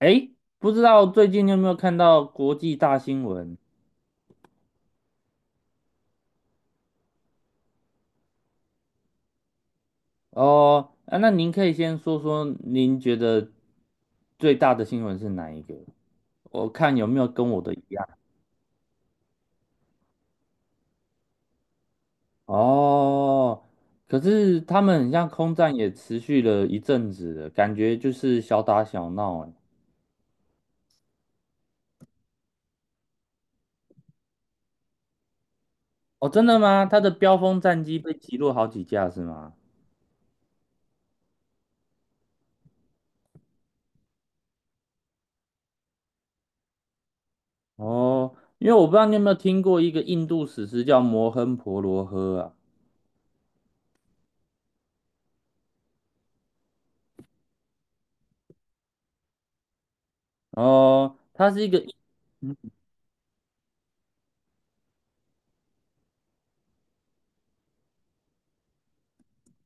哎，不知道最近你有没有看到国际大新闻？哦，啊，那您可以先说说您觉得最大的新闻是哪一个？我看有没有跟我的一样。哦，可是他们很像空战也持续了一阵子了，感觉就是小打小闹哎。哦，真的吗？他的标风战机被击落好几架是吗？哦，因为我不知道你有没有听过一个印度史诗叫《摩亨婆罗河》啊。哦，它是一个。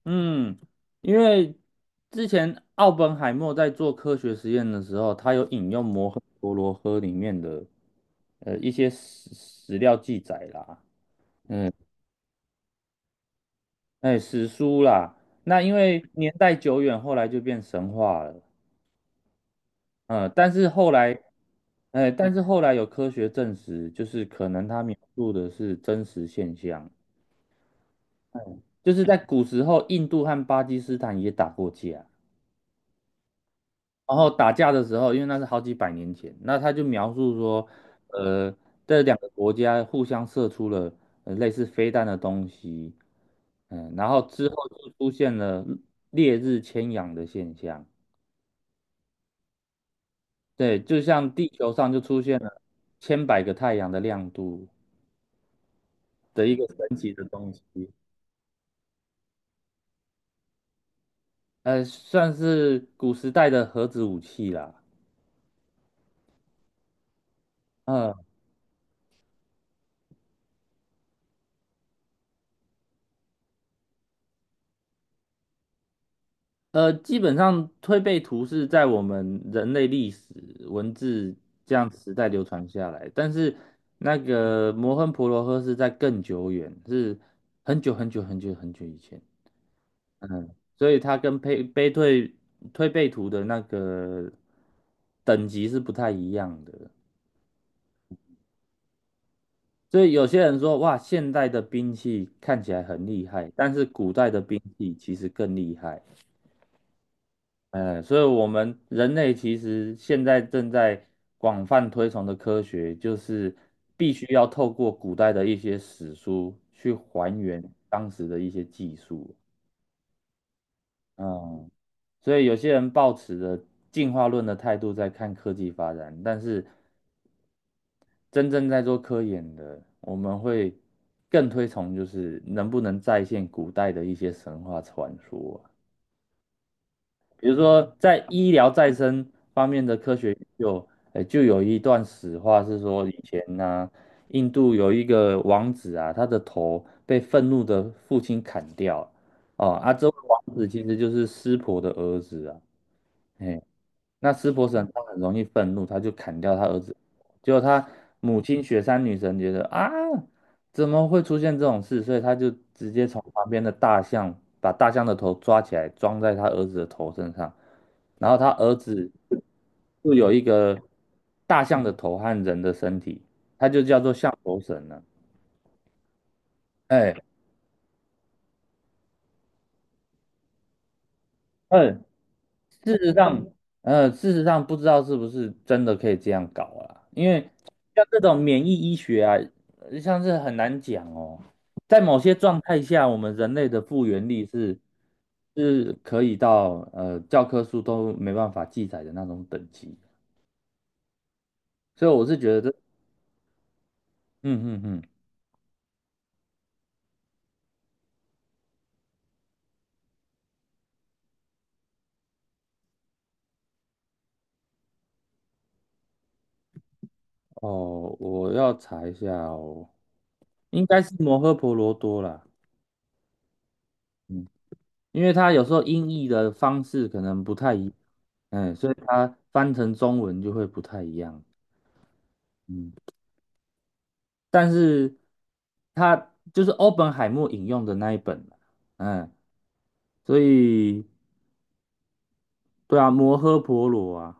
嗯，因为之前奥本海默在做科学实验的时候，他有引用摩诃婆罗诃里面的一些史料记载啦，嗯，哎，史书啦。那因为年代久远，后来就变神话了。嗯，但是后来，哎，但是后来有科学证实，就是可能他描述的是真实现象，就是在古时候，印度和巴基斯坦也打过架。然后打架的时候，因为那是好几百年前，那他就描述说，呃，这两个国家互相射出了类似飞弹的东西，嗯，然后之后就出现了烈日千阳的现象，对，就像地球上就出现了千百个太阳的亮度的一个神奇的东西，算是古时代的核子武器啦。嗯。基本上推背图是在我们人类历史文字这样时代流传下来，但是那个摩亨婆罗河是在更久远，是很久很久很久很久以前，所以它跟配背对推背图的那个等级是不太一样的。所以有些人说，哇，现代的兵器看起来很厉害，但是古代的兵器其实更厉害。嗯，所以我们人类其实现在正在广泛推崇的科学，就是必须要透过古代的一些史书去还原当时的一些技术。嗯，所以有些人抱持着进化论的态度在看科技发展，但是真正在做科研的，我们会更推崇就是能不能再现古代的一些神话传说啊。比如说在医疗再生方面的科学研究，就有一段史话是说，以前呢、印度有一个王子啊，他的头被愤怒的父亲砍掉，哦，啊，这位王子其实就是湿婆的儿子啊，哎、那湿婆神他很容易愤怒，他就砍掉他儿子。结果他母亲雪山女神觉得啊，怎么会出现这种事？所以他就直接从旁边的大象把大象的头抓起来，装在他儿子的头身上。然后他儿子就有一个大象的头和人的身体，他就叫做象头神了。哎，嗯。事实上，事实上不知道是不是真的可以这样搞啦，因为像这种免疫医学啊，像是很难讲哦。在某些状态下，我们人类的复原力是是可以到教科书都没办法记载的那种等级，所以我是觉得这，嗯嗯嗯，哦，我要查一下哦，应该是摩诃婆罗多啦。嗯因为它有时候音译的方式可能不太一，嗯，所以它翻成中文就会不太一样，嗯，但是它就是欧本海默引用的那一本，嗯，所以对啊，摩诃婆罗啊，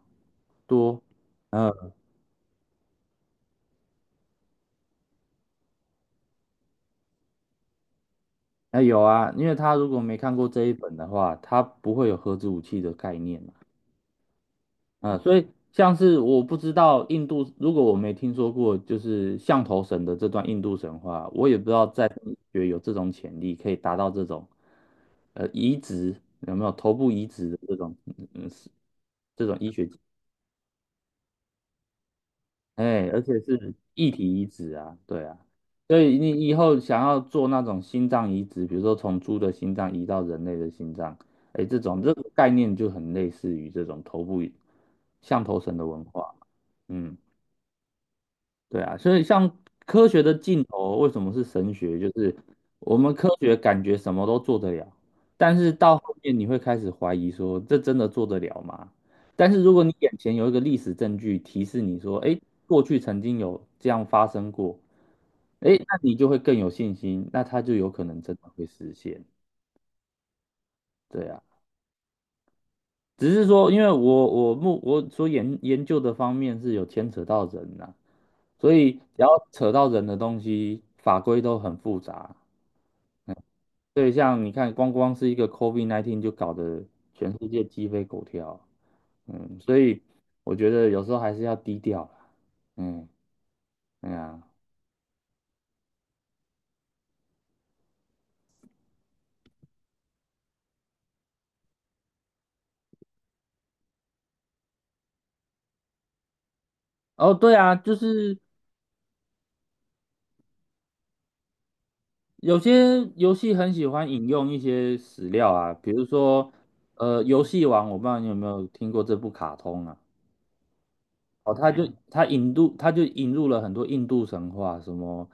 多，嗯，那有啊，因为他如果没看过这一本的话，他不会有核子武器的概念，啊，所以像是我不知道印度，如果我没听说过，就是象头神的这段印度神话，我也不知道在医学有这种潜力，可以达到这种呃移植有没有头部移植的这种医学，哎，而且是异体移植啊，对啊，所以你以后想要做那种心脏移植，比如说从猪的心脏移到人类的心脏，哎，这种这个概念就很类似于这种头部象头神的文化，嗯。对啊，所以像科学的尽头为什么是神学？就是我们科学感觉什么都做得了，但是到后面你会开始怀疑说，这真的做得了吗？但是如果你眼前有一个历史证据提示你说，哎，过去曾经有这样发生过，哎，那你就会更有信心，那它就有可能真的会实现。对啊，只是说，因为我所研究的方面是有牵扯到人呐、所以只要扯到人的东西，法规都很复杂。所以像你看，光光是一个 COVID-19 就搞得全世界鸡飞狗跳，嗯，所以我觉得有时候还是要低调啦嗯，对啊，哦，对啊，就是有些游戏很喜欢引用一些史料啊，比如说，游戏王，我不知道你有没有听过这部卡通啊。哦，他就引入了很多印度神话，什么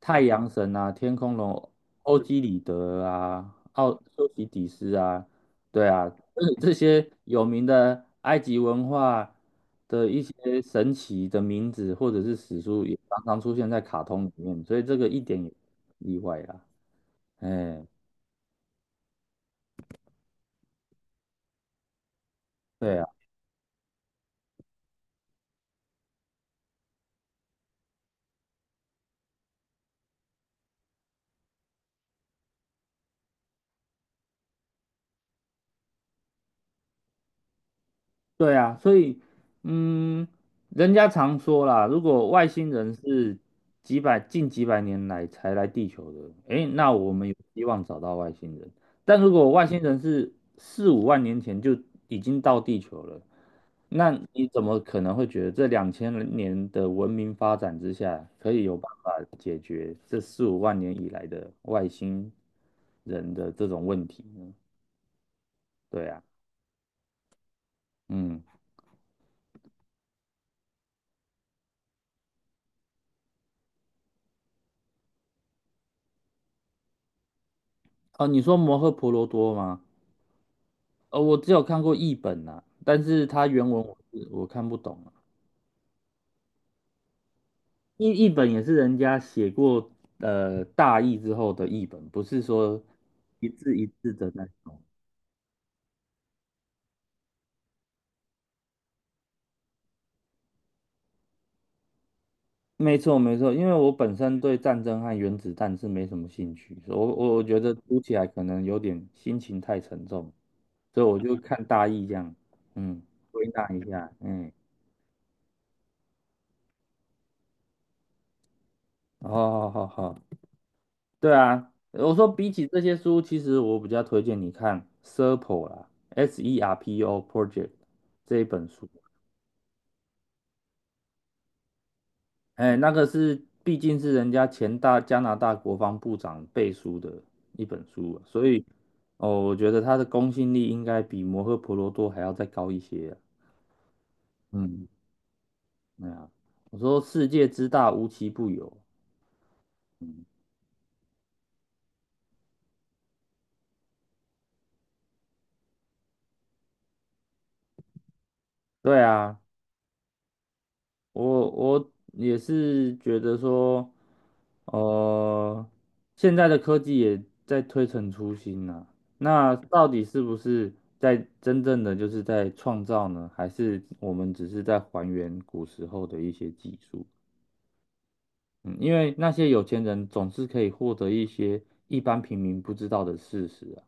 太阳神啊、天空龙、欧几里得啊、奥修西底斯啊，对啊，就是这些有名的埃及文化的一些神奇的名字或者是史书，也常常出现在卡通里面，所以这个一点也不意外啦。哎，对啊。对啊，所以，嗯，人家常说啦，如果外星人是几百近几百年来才来地球的，诶，那我们有希望找到外星人。但如果外星人是四五万年前就已经到地球了，那你怎么可能会觉得这2000年的文明发展之下，可以有办法解决这四五万年以来的外星人的这种问题呢？对啊，嗯，哦，你说摩诃婆罗多吗？我只有看过译本呐、但是它原文我看不懂啊。译本也是人家写过大意之后的译本，不是说一字一字的那种。没错没错，因为我本身对战争和原子弹是没什么兴趣，所以我觉得读起来可能有点心情太沉重，所以我就看大意这样，嗯，归纳一下，嗯，哦好好好好，对啊，我说比起这些书，其实我比较推荐你看《Serpo》啦，《SERPO. Project》这一本书。哎，那个是毕竟是人家前大加拿大国防部长背书的一本书啊所以哦，我觉得他的公信力应该比《摩诃婆罗多》还要再高一些啊嗯，对啊，我说世界之大，无奇不有。嗯，对啊。我也是觉得说，呃，现在的科技也在推陈出新呐、那到底是不是在真正的就是在创造呢？还是我们只是在还原古时候的一些技术？嗯，因为那些有钱人总是可以获得一些一般平民不知道的事实啊。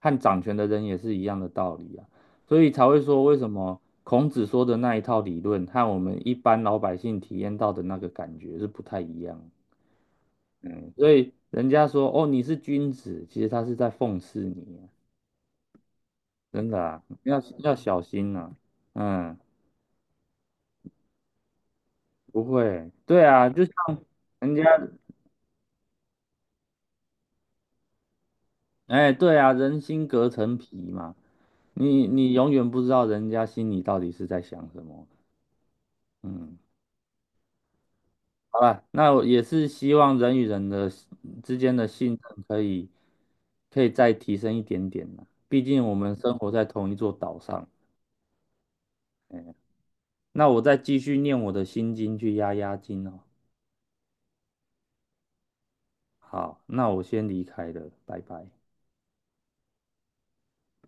和掌权的人也是一样的道理啊，所以才会说为什么孔子说的那一套理论和我们一般老百姓体验到的那个感觉是不太一样。嗯，所以人家说哦你是君子，其实他是在讽刺你啊真的啊，要小心啊。嗯，不会，对啊，就像人家，哎，对啊，人心隔层皮嘛，你永远不知道人家心里到底是在想什么。嗯。好了，那我也是希望人与人的之间的信任可以再提升一点点啦。毕竟我们生活在同一座岛上。那我再继续念我的心经去压压惊哦。好，那我先离开了，拜拜。